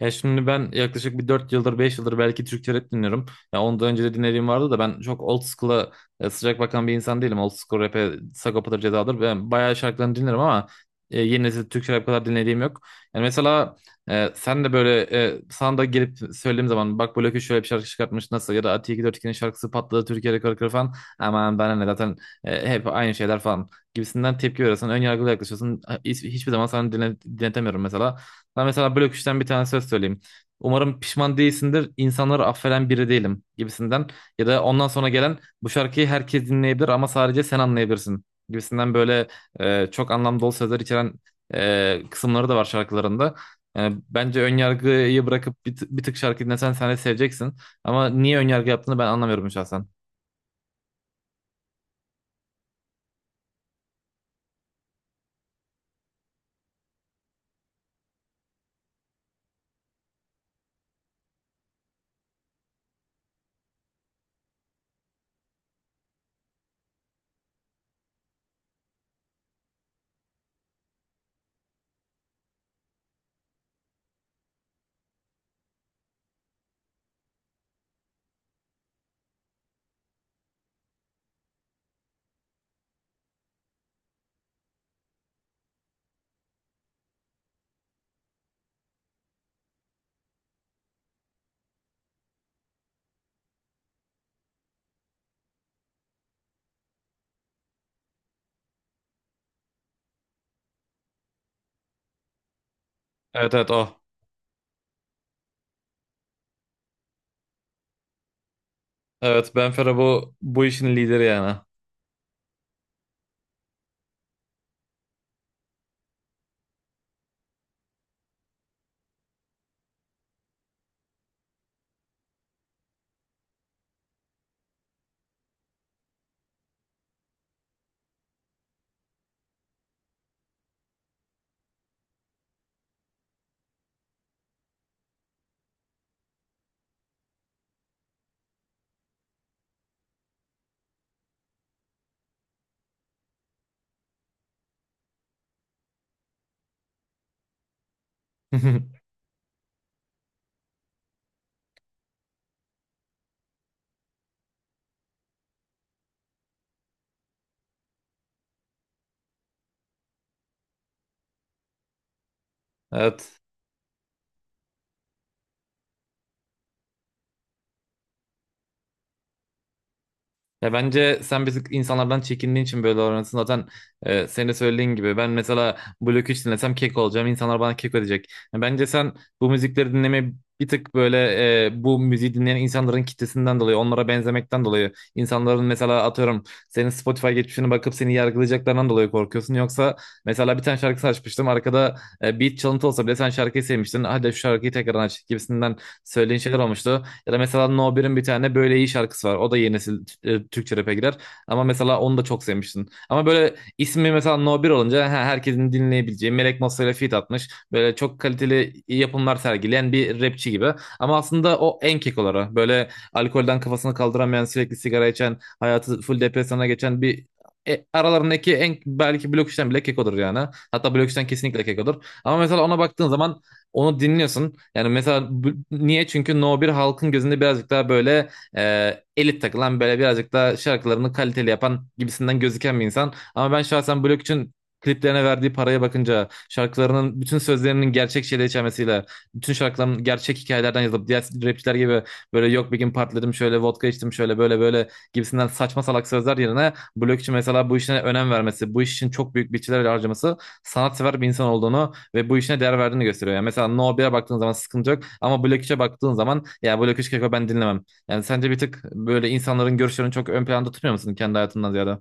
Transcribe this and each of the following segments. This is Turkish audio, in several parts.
Ya şimdi ben yaklaşık bir 4 yıldır 5 yıldır belki Türkçe rap dinliyorum. Ya ondan önce de dinlediğim vardı da ben çok old school'a sıcak bakan bir insan değilim. Old school rap'e Sagopa'dır, Ceza'dır. Ben bayağı şarkılarını dinlerim ama yeni nesil Türkçe rap kadar dinlediğim yok. Yani mesela sen de böyle sana da gelip söylediğim zaman bak Blokü şöyle bir şarkı çıkartmış nasıl ya da Ati 242'nin şarkısı patladı Türkiye rekoru kırdı falan. Aman bana ne zaten hep aynı şeyler falan gibisinden tepki veriyorsun. Ön yargılı yaklaşıyorsun. Hiçbir zaman sana dinletemiyorum mesela. Ben mesela blok üçten bir tane söz söyleyeyim. Umarım pişman değilsindir, insanları affeden biri değilim gibisinden. Ya da ondan sonra gelen bu şarkıyı herkes dinleyebilir ama sadece sen anlayabilirsin gibisinden böyle çok anlam dolu sözler içeren kısımları da var şarkılarında. Yani bence ön yargıyı bırakıp bir tık şarkı dinlesen sen de seveceksin. Ama niye ön yargı yaptığını ben anlamıyorum şahsen. Evet, evet o. Evet, Ben Fero bu işin lideri yani. Evet. Ya bence sen biz insanlardan çekindiğin için böyle davranıyorsun. Zaten senin de söylediğin gibi ben mesela Blok 3 dinlesem kek olacağım. İnsanlar bana kek ödeyecek. Ya bence sen bu müzikleri dinlemeyi bir tık böyle bu müziği dinleyen insanların kitlesinden dolayı, onlara benzemekten dolayı, insanların mesela atıyorum senin Spotify geçmişine bakıp seni yargılayacaklarından dolayı korkuyorsun. Yoksa mesela bir tane şarkı açmıştım. Arkada beat çalıntı olsa bile sen şarkıyı sevmiştin. Hadi şu şarkıyı tekrar aç gibisinden söylediğin şeyler olmuştu. Ya da mesela No Bir'in bir tane böyle iyi şarkısı var. O da yeni nesil Türkçe rap'e girer. Ama mesela onu da çok sevmiştin. Ama böyle ismi mesela No Bir olunca herkesin dinleyebileceği Melek Mossa ile feat atmış. Böyle çok kaliteli yapımlar sergileyen bir rapçi gibi. Ama aslında o en kekoları. Böyle alkolden kafasını kaldıramayan, sürekli sigara içen, hayatı full depresyona geçen bir aralarındaki en belki blok işten bile kekodur yani. Hatta blok işten kesinlikle kekodur. Ama mesela ona baktığın zaman onu dinliyorsun. Yani mesela niye? Çünkü No bir halkın gözünde birazcık daha böyle elit takılan böyle birazcık daha şarkılarını kaliteli yapan gibisinden gözüken bir insan. Ama ben şahsen Blok için kliplerine verdiği paraya bakınca şarkılarının bütün sözlerinin gerçek şeyleri içermesiyle bütün şarkıların gerçek hikayelerden yazılıp diğer rapçiler gibi böyle yok bir gün partiledim şöyle vodka içtim şöyle böyle böyle gibisinden saçma salak sözler yerine Blok için mesela bu işine önem vermesi bu iş için çok büyük bütçeler harcaması sanatsever bir insan olduğunu ve bu işine değer verdiğini gösteriyor. Yani mesela No 1'e baktığın zaman sıkıntı yok. Ama Black 3'e baktığın zaman ya Black 3 Keko ben dinlemem. Yani sence bir tık böyle insanların görüşlerini çok ön planda tutmuyor musun kendi hayatından ziyade?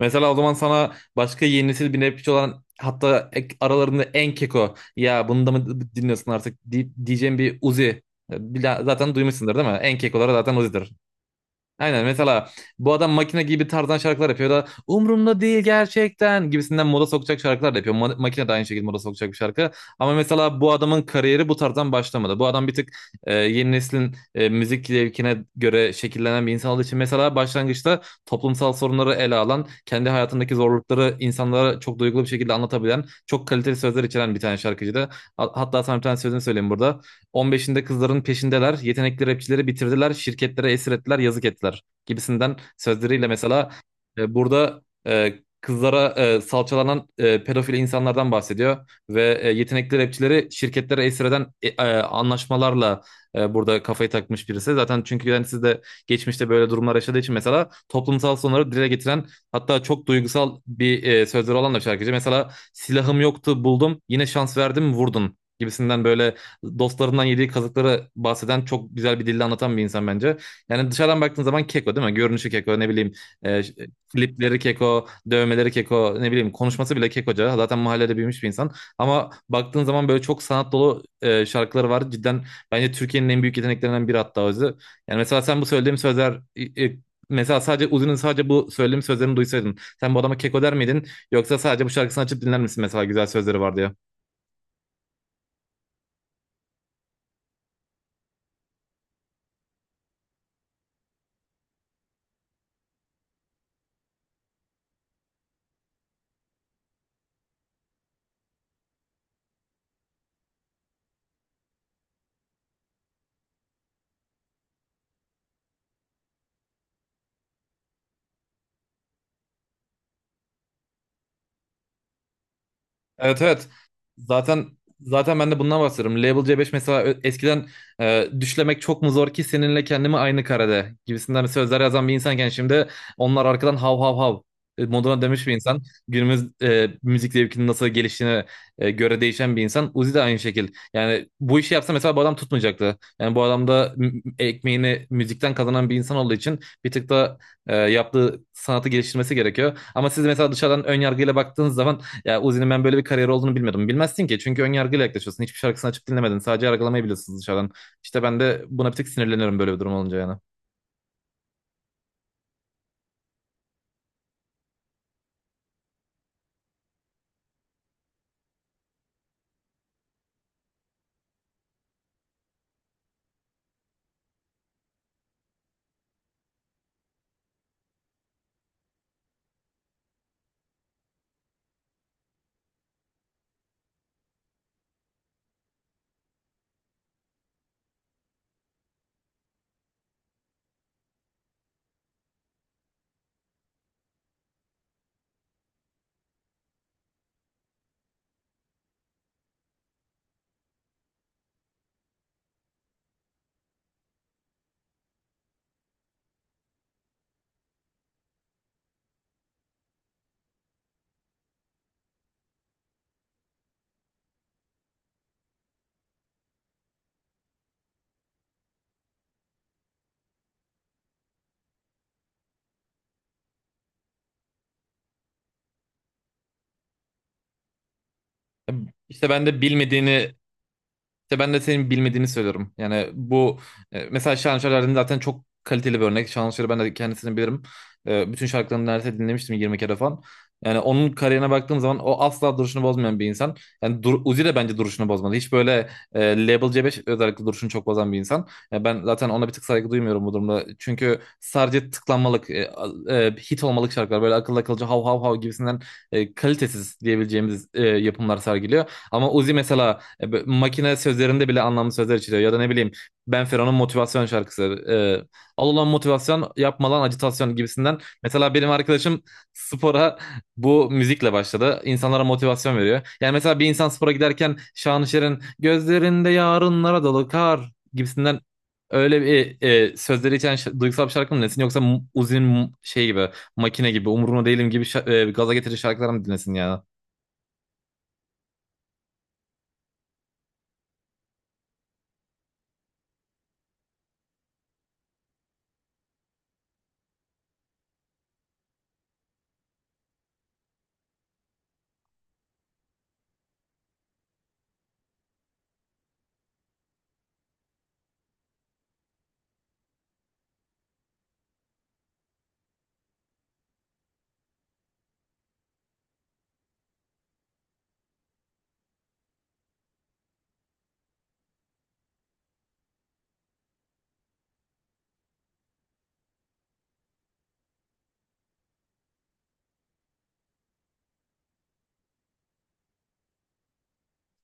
Mesela o zaman sana başka yeni nesil bir rapçi olan hatta aralarında en keko ya bunu da mı dinliyorsun artık diyeceğim bir Uzi. Zaten duymuşsundur değil mi? En kekoları zaten Uzi'dir. Aynen mesela bu adam makine gibi tarzdan şarkılar yapıyor da umurumda değil gerçekten gibisinden moda sokacak şarkılar da yapıyor. Makine de aynı şekilde moda sokacak bir şarkı. Ama mesela bu adamın kariyeri bu tarzdan başlamadı. Bu adam bir tık yeni neslin müzik zevkine göre şekillenen bir insan olduğu için mesela başlangıçta toplumsal sorunları ele alan, kendi hayatındaki zorlukları insanlara çok duygulu bir şekilde anlatabilen, çok kaliteli sözler içeren bir tane şarkıcıydı. Hatta sana bir tane sözünü söyleyeyim burada. 15'inde kızların peşindeler, yetenekli rapçileri bitirdiler, şirketlere esir ettiler, yazık ettiler gibisinden sözleriyle mesela burada e, kızlara salçalanan pedofil insanlardan bahsediyor ve yetenekli rapçileri şirketlere esir eden anlaşmalarla burada kafayı takmış birisi. Zaten çünkü yani siz de geçmişte böyle durumlar yaşadığı için mesela toplumsal sorunları dile getiren hatta çok duygusal bir sözleri olan da şarkıcı. Mesela silahım yoktu buldum yine şans verdim vurdun gibisinden böyle dostlarından yediği kazıkları bahseden çok güzel bir dille anlatan bir insan bence. Yani dışarıdan baktığın zaman keko değil mi? Görünüşü keko ne bileyim e, klipleri keko, dövmeleri keko ne bileyim konuşması bile kekoca. Zaten mahallede büyümüş bir insan. Ama baktığın zaman böyle çok sanat dolu şarkıları var. Cidden bence Türkiye'nin en büyük yeteneklerinden biri hatta özü. Yani mesela sen bu söylediğim sözler. Mesela sadece Uzi'nin sadece bu söylediğim sözlerini duysaydın. Sen bu adama keko der miydin? Yoksa sadece bu şarkısını açıp dinler misin mesela güzel sözleri vardı ya. Evet, evet. Zaten zaten ben de bundan bahsediyorum. Label C5 mesela eskiden düşlemek çok mu zor ki seninle kendimi aynı karede gibisinden sözler yazan bir insanken şimdi onlar arkadan hav hav hav moduna dönmüş bir insan. Günümüz müzik zevkinin nasıl geliştiğine göre değişen bir insan. Uzi de aynı şekil. Yani bu işi yapsa mesela bu adam tutmayacaktı. Yani bu adam da ekmeğini müzikten kazanan bir insan olduğu için bir tık da yaptığı sanatı geliştirmesi gerekiyor. Ama siz mesela dışarıdan ön yargıyla baktığınız zaman ya Uzi'nin ben böyle bir kariyer olduğunu bilmiyordum. Bilmezsin ki çünkü ön yargıyla yaklaşıyorsun. Hiçbir şarkısını açıp dinlemedin. Sadece yargılamayı biliyorsun dışarıdan. İşte ben de buna bir tık sinirleniyorum böyle bir durum olunca yani. İşte ben de bilmediğini İşte ben de senin bilmediğini söylüyorum. Yani bu mesela Şahan Şalar'ın zaten çok kaliteli bir örnek. Şahan Şalar'ı ben de kendisini bilirim. Bütün şarkılarını neredeyse dinlemiştim 20 kere falan. Yani onun kariyerine baktığım zaman o asla duruşunu bozmayan bir insan. Yani dur, Uzi de bence duruşunu bozmadı. Hiç böyle Label C5 özellikle duruşunu çok bozan bir insan. Yani ben zaten ona bir tık saygı duymuyorum bu durumda. Çünkü sadece tıklanmalık, hit olmalık şarkılar böyle akıllı akılcı hav hav hav gibisinden kalitesiz diyebileceğimiz yapımlar sergiliyor. Ama Uzi mesela makine sözlerinde bile anlamlı sözler içeriyor. Ya da ne bileyim Ben Fero'nun motivasyon şarkısı. E, Al ulan motivasyon yapma lan acitasyon gibisinden. Mesela benim arkadaşım spora bu müzikle başladı. İnsanlara motivasyon veriyor. Yani mesela bir insan spora giderken Şanışer'in gözlerinde yarınlara dolu kar gibisinden öyle bir sözleri içeren duygusal bir şarkı mı dinlesin yoksa Uzi'nin şey gibi makine gibi umurumda değilim gibi gaza getirici şarkılar mı dinlesin yani?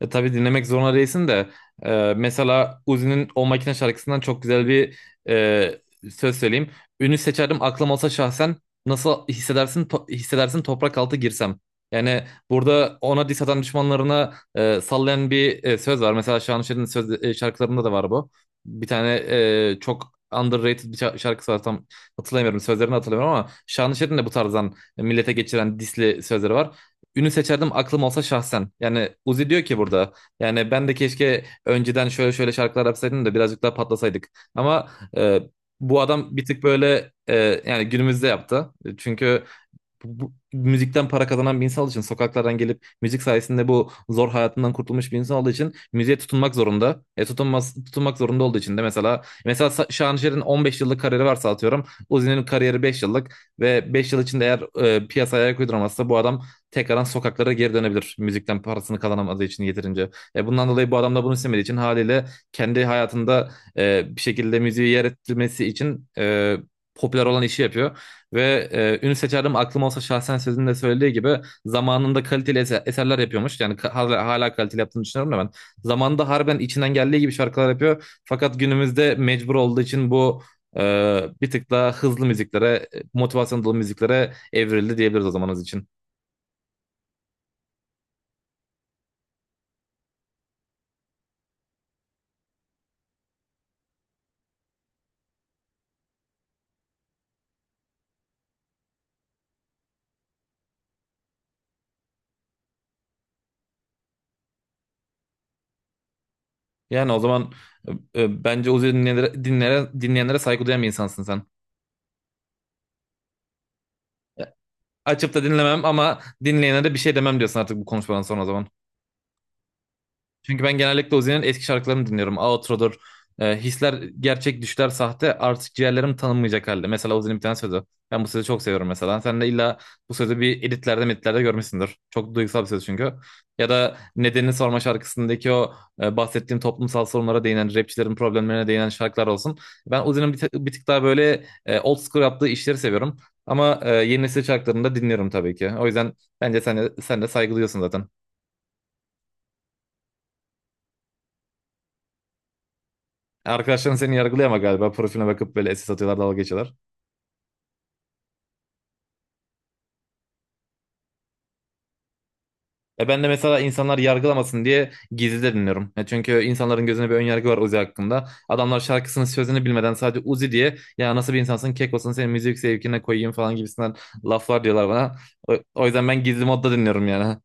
Tabii dinlemek zorunda değilsin de mesela Uzi'nin O Makine şarkısından çok güzel bir e, söz söyleyeyim. Ünü seçerdim aklım olsa şahsen nasıl hissedersin hissedersin toprak altı girsem. Yani burada ona diss atan düşmanlarına sallayan bir söz var. Mesela Şanışer'in söz şarkılarında da var bu. Bir tane çok underrated bir şarkısı var tam hatırlamıyorum sözlerini hatırlamıyorum ama Şanışer'in de bu tarzdan millete geçiren disli sözleri var. Ünü seçerdim aklım olsa şahsen. Yani Uzi diyor ki burada. Yani ben de keşke önceden şöyle şöyle şarkılar yapsaydım da birazcık daha patlasaydık. Ama e, bu adam bir tık böyle yani günümüzde yaptı. Çünkü bu müzikten para kazanan bir insan olduğu için sokaklardan gelip müzik sayesinde bu zor hayatından kurtulmuş bir insan olduğu için müziğe tutunmak zorunda. Tutunmak zorunda olduğu için de mesela Şanışer'in 15 yıllık kariyeri varsa atıyorum Uzi'nin kariyeri 5 yıllık ve 5 yıl içinde eğer piyasaya ayak uyduramazsa bu adam tekrardan sokaklara geri dönebilir. Müzikten parasını kazanamadığı için yeterince. Bundan dolayı bu adam da bunu istemediği için haliyle kendi hayatında bir şekilde müziği yer ettirmesi için popüler olan işi yapıyor. Ve ünlü seçerdim aklım olsa şahsen sözünde söylediği gibi zamanında kaliteli eserler yapıyormuş. Yani ka- hala, hala kaliteli yaptığını düşünüyorum da ben. Zamanında harbiden içinden geldiği gibi şarkılar yapıyor. Fakat günümüzde mecbur olduğu için bu e, bir tık daha hızlı müziklere, motivasyon dolu müziklere evrildi diyebiliriz o zamanız için. Yani o zaman bence Uzi dinleyenlere saygı duyan bir insansın sen. Açıp da dinlemem ama dinleyenlere bir şey demem diyorsun artık bu konuşmadan sonra o zaman. Çünkü ben genellikle Ozi'nin eski şarkılarını dinliyorum. Outro'dur. Hisler gerçek, düşler sahte. Artık ciğerlerim tanınmayacak halde. Mesela Ozi'nin bir tane sözü. Ben bu sözü çok seviyorum mesela. Sen de illa bu sözü bir editlerde meditlerde görmüşsündür. Çok duygusal bir söz çünkü. Ya da Nedenini Sorma şarkısındaki o bahsettiğim toplumsal sorunlara değinen, rapçilerin problemlerine değinen şarkılar olsun. Ben Ozi'nin bir tık daha böyle old school yaptığı işleri seviyorum. Ama yeni nesil şarkılarını da dinliyorum tabii ki. O yüzden bence sen de saygılıyorsun zaten. Arkadaşların seni yargılıyor galiba profiline bakıp böyle SS atıyorlar dalga geçiyorlar. Ben de mesela insanlar yargılamasın diye gizli de dinliyorum. Çünkü insanların gözünde bir ön yargı var Uzi hakkında. Adamlar şarkısının sözünü bilmeden sadece Uzi diye ya nasıl bir insansın kek olsun senin müzik zevkine koyayım falan gibisinden laflar diyorlar bana. O yüzden ben gizli modda dinliyorum yani.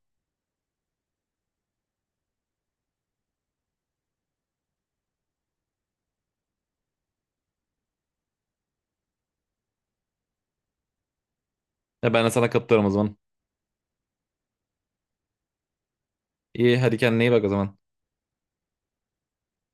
Ben de sana katılıyorum o zaman. İyi hadi kendine iyi bak o zaman.